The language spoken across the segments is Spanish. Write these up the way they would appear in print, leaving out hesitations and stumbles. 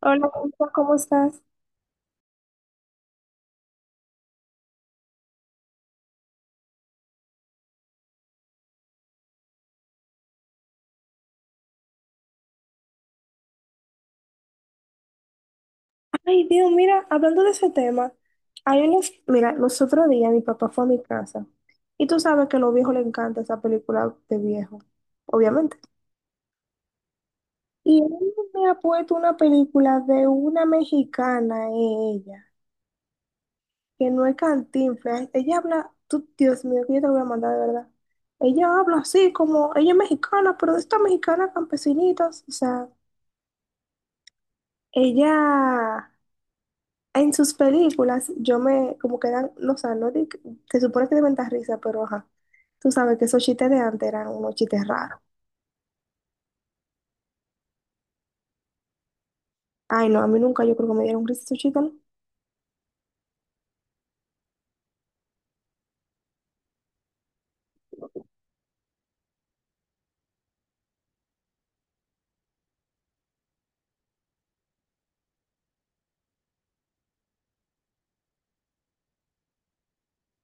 Hola, Juanpa, ¿cómo estás? Ay, Dios, mira, hablando de ese tema, hay unos, mira, los otros días mi papá fue a mi casa y tú sabes que a los viejos les encanta esa película de viejo, obviamente. Y él me ha puesto una película de una mexicana, ella, que no es Cantinflas. Ella habla, tú, Dios mío, que yo te la voy a mandar de verdad. Ella habla así como, ella es mexicana, pero de estas mexicanas campesinitas, o sea, ella. En sus películas, yo me, como que eran, no, o sea, no, se supone que deben dar risa, pero ajá, tú sabes que esos chistes de antes eran unos chistes raros. Ay, no, a mí nunca yo creo que me dieron risa esos chistes, ¿no?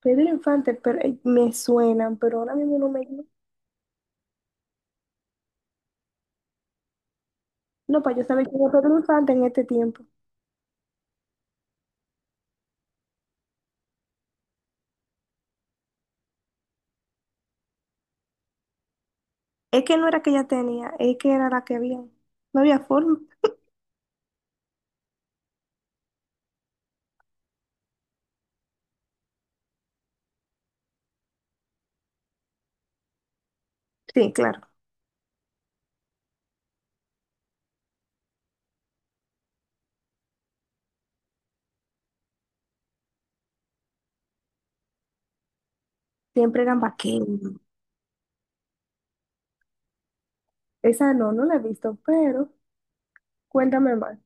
Pedro Infante, pero me suenan, pero ahora mismo no me... No, para yo saber quién era Pedro Infante en este tiempo. Es que no era que ella tenía, es que era la que había. No había forma. Sí, claro, siempre eran vaqueros. Esa no, no la he visto, pero cuéntame más.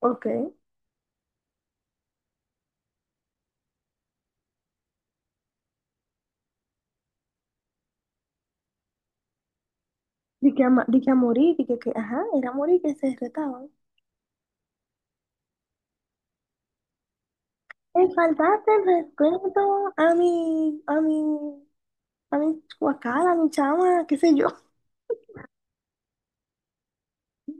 Ok. Di que, di que a morir, di que, ajá, era a morir que se retaban. Me faltaste el respeto a mi, a mi, a mi guacal, a mi chama, qué sé yo.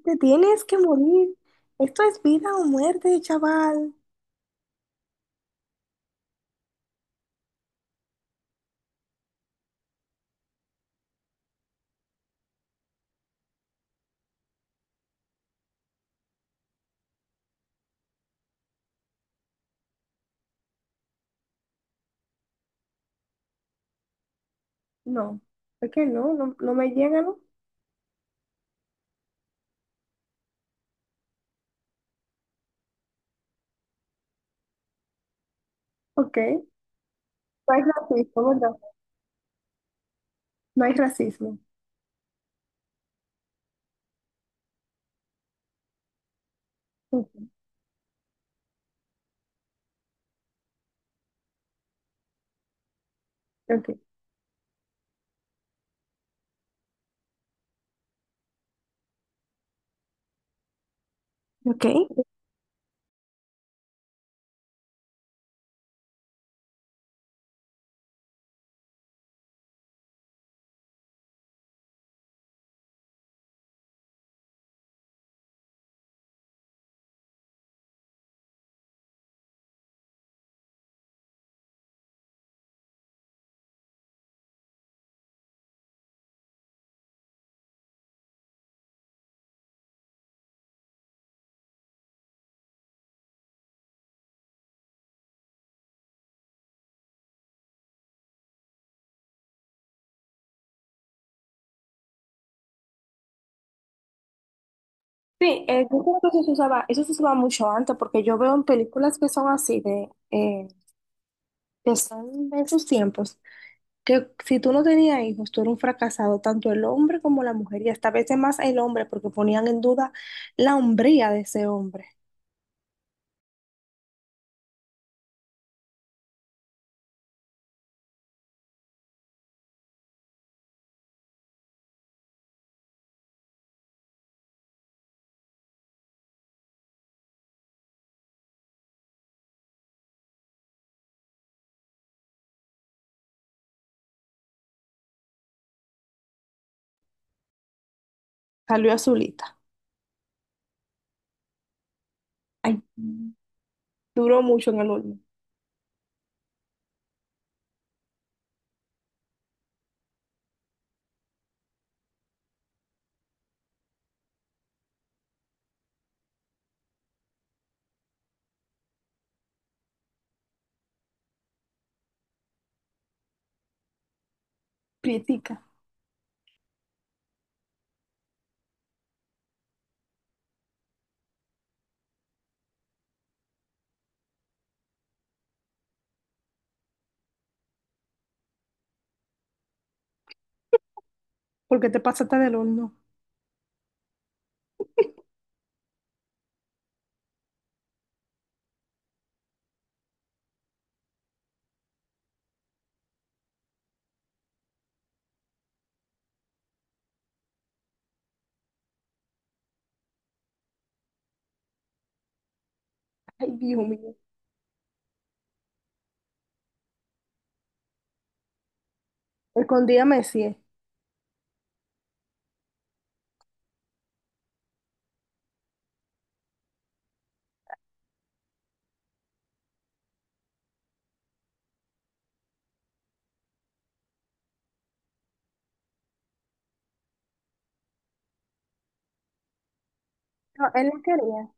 Te tienes que morir. Esto es vida o muerte, chaval. No, es que no, no, no me llega, ¿no? Ok. ¿No hay racismo, verdad? No hay racismo. Ok. Ok. ¿Ok? Sí, yo creo que eso se usaba mucho antes, porque yo veo en películas que son así, de, que son de esos tiempos, que si tú no tenías hijos, tú eras un fracasado, tanto el hombre como la mujer, y hasta a veces más el hombre, porque ponían en duda la hombría de ese hombre. Salió azulita. Ay, duró mucho en el horno. Prietica, porque te pasaste del horno. Ay, Dios mío. Escondía Messi. No, él no quería.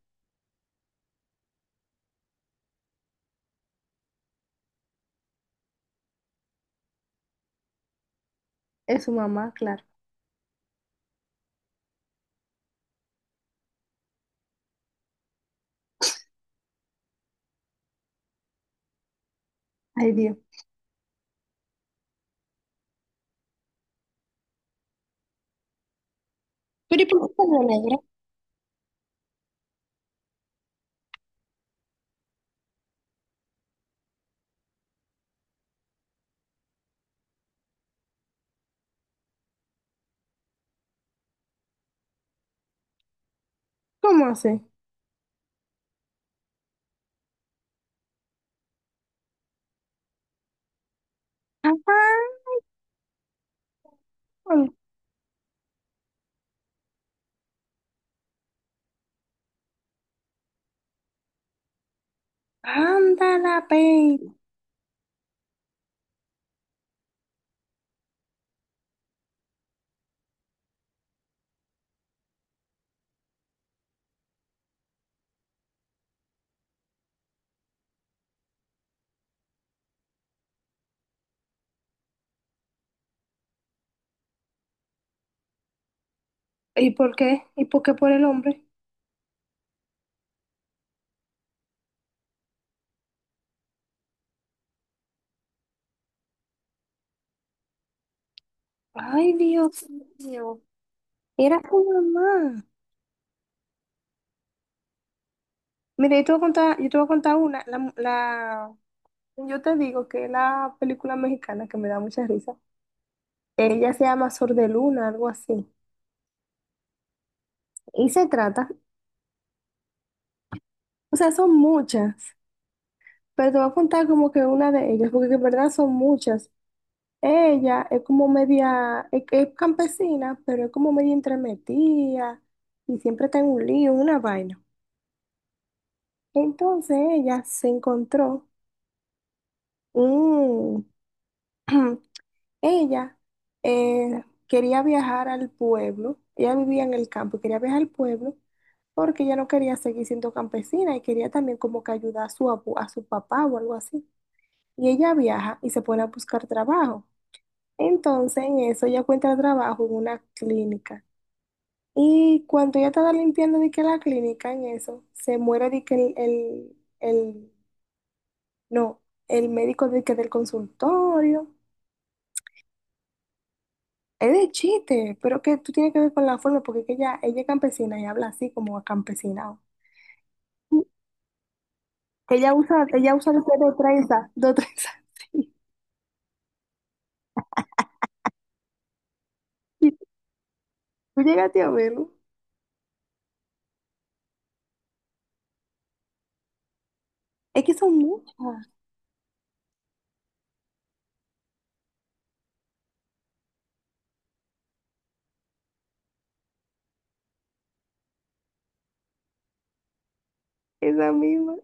Es su mamá, claro. Ay, Dios. Pero ¿y por qué salió negra? ¿Cómo así? Ajá. Anda la pena. ¿Y por qué? ¿Y por qué por el hombre? Ay, Dios mío. Era tu mamá. Mira, yo te voy a contar, yo te voy a contar una. Yo te digo que es la película mexicana que me da mucha risa. Ella se llama Sor de Luna, algo así. Y se trata, o sea, son muchas, pero te voy a contar como que una de ellas, porque en verdad son muchas. Ella es como media, es campesina, pero es como media entremetida y siempre está en un lío, en una vaina. Entonces ella se encontró un, ella quería viajar al pueblo, ella vivía en el campo y quería viajar al pueblo porque ella no quería seguir siendo campesina y quería también como que ayudar a su, a su papá o algo así. Y ella viaja y se pone a buscar trabajo. Entonces en eso ella encuentra trabajo en una clínica. Y cuando ella estaba limpiando de que la clínica en eso, se muere de que no, el médico de que del consultorio. Es de chiste, pero que tú tienes que ver con la forma, porque es que ella es campesina y habla así como acampesinado. Que ella usa, ella usa de trenza, de trenza, sí. Y tú llegaste a verlo. Es que son muchas, esa misma.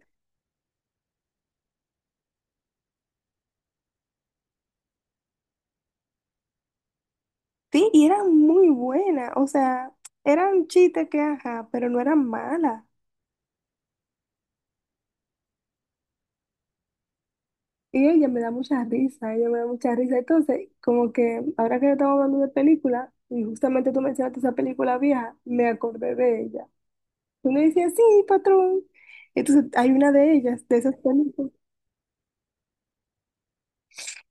Sí, y eran muy buenas, o sea, eran chistes que, ajá, pero no eran malas. Y ella me da mucha risa, ella me da mucha risa. Entonces, como que ahora que estamos hablando de película, y justamente tú mencionaste esa película vieja, me acordé de ella. Uno decía, sí, patrón. Entonces, hay una de ellas, de esas películas.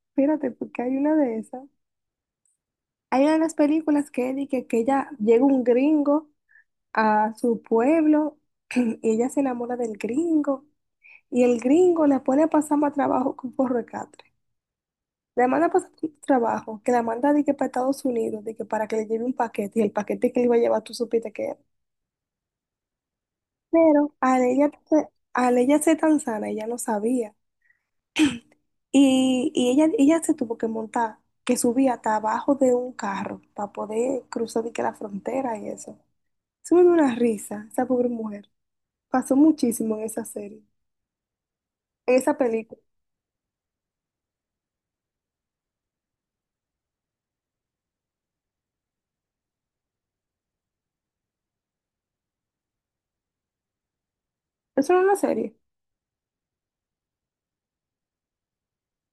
Espérate, porque hay una de esas. Hay una de las películas que él y que ella llega un gringo a su pueblo, y ella se enamora del gringo y el gringo la pone a pasar más trabajo con por recatre. La manda a pasar por trabajo, que la manda de que para Estados Unidos, de que para que le lleve un paquete y el paquete que le iba a llevar tú supiste que era. Pero al ella ser tan sana, ella no sabía. Y ella, ella se tuvo que montar, que subía hasta abajo de un carro para poder cruzar de que la frontera y eso. Eso me dio una risa, esa pobre mujer. Pasó muchísimo en esa serie, en esa película. Eso no es una serie.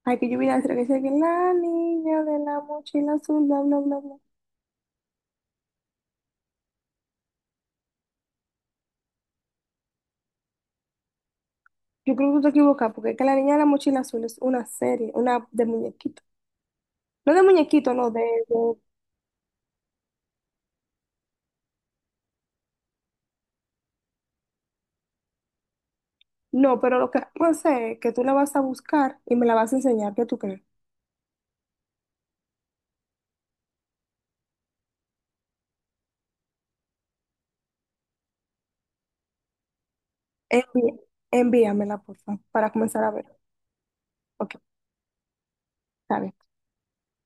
Hay que yo vi la serie que dice que la niña de la mochila azul, bla, bla, bla, bla. Yo creo que tú te equivocas, porque es que la niña de la mochila azul es una serie, una de muñequito. No de muñequito, no, de- No, pero lo que vamos a hacer es que tú la vas a buscar y me la vas a enseñar, ¿qué tú crees? Envi- envíamela, por favor, para comenzar a ver. Ok, está bien.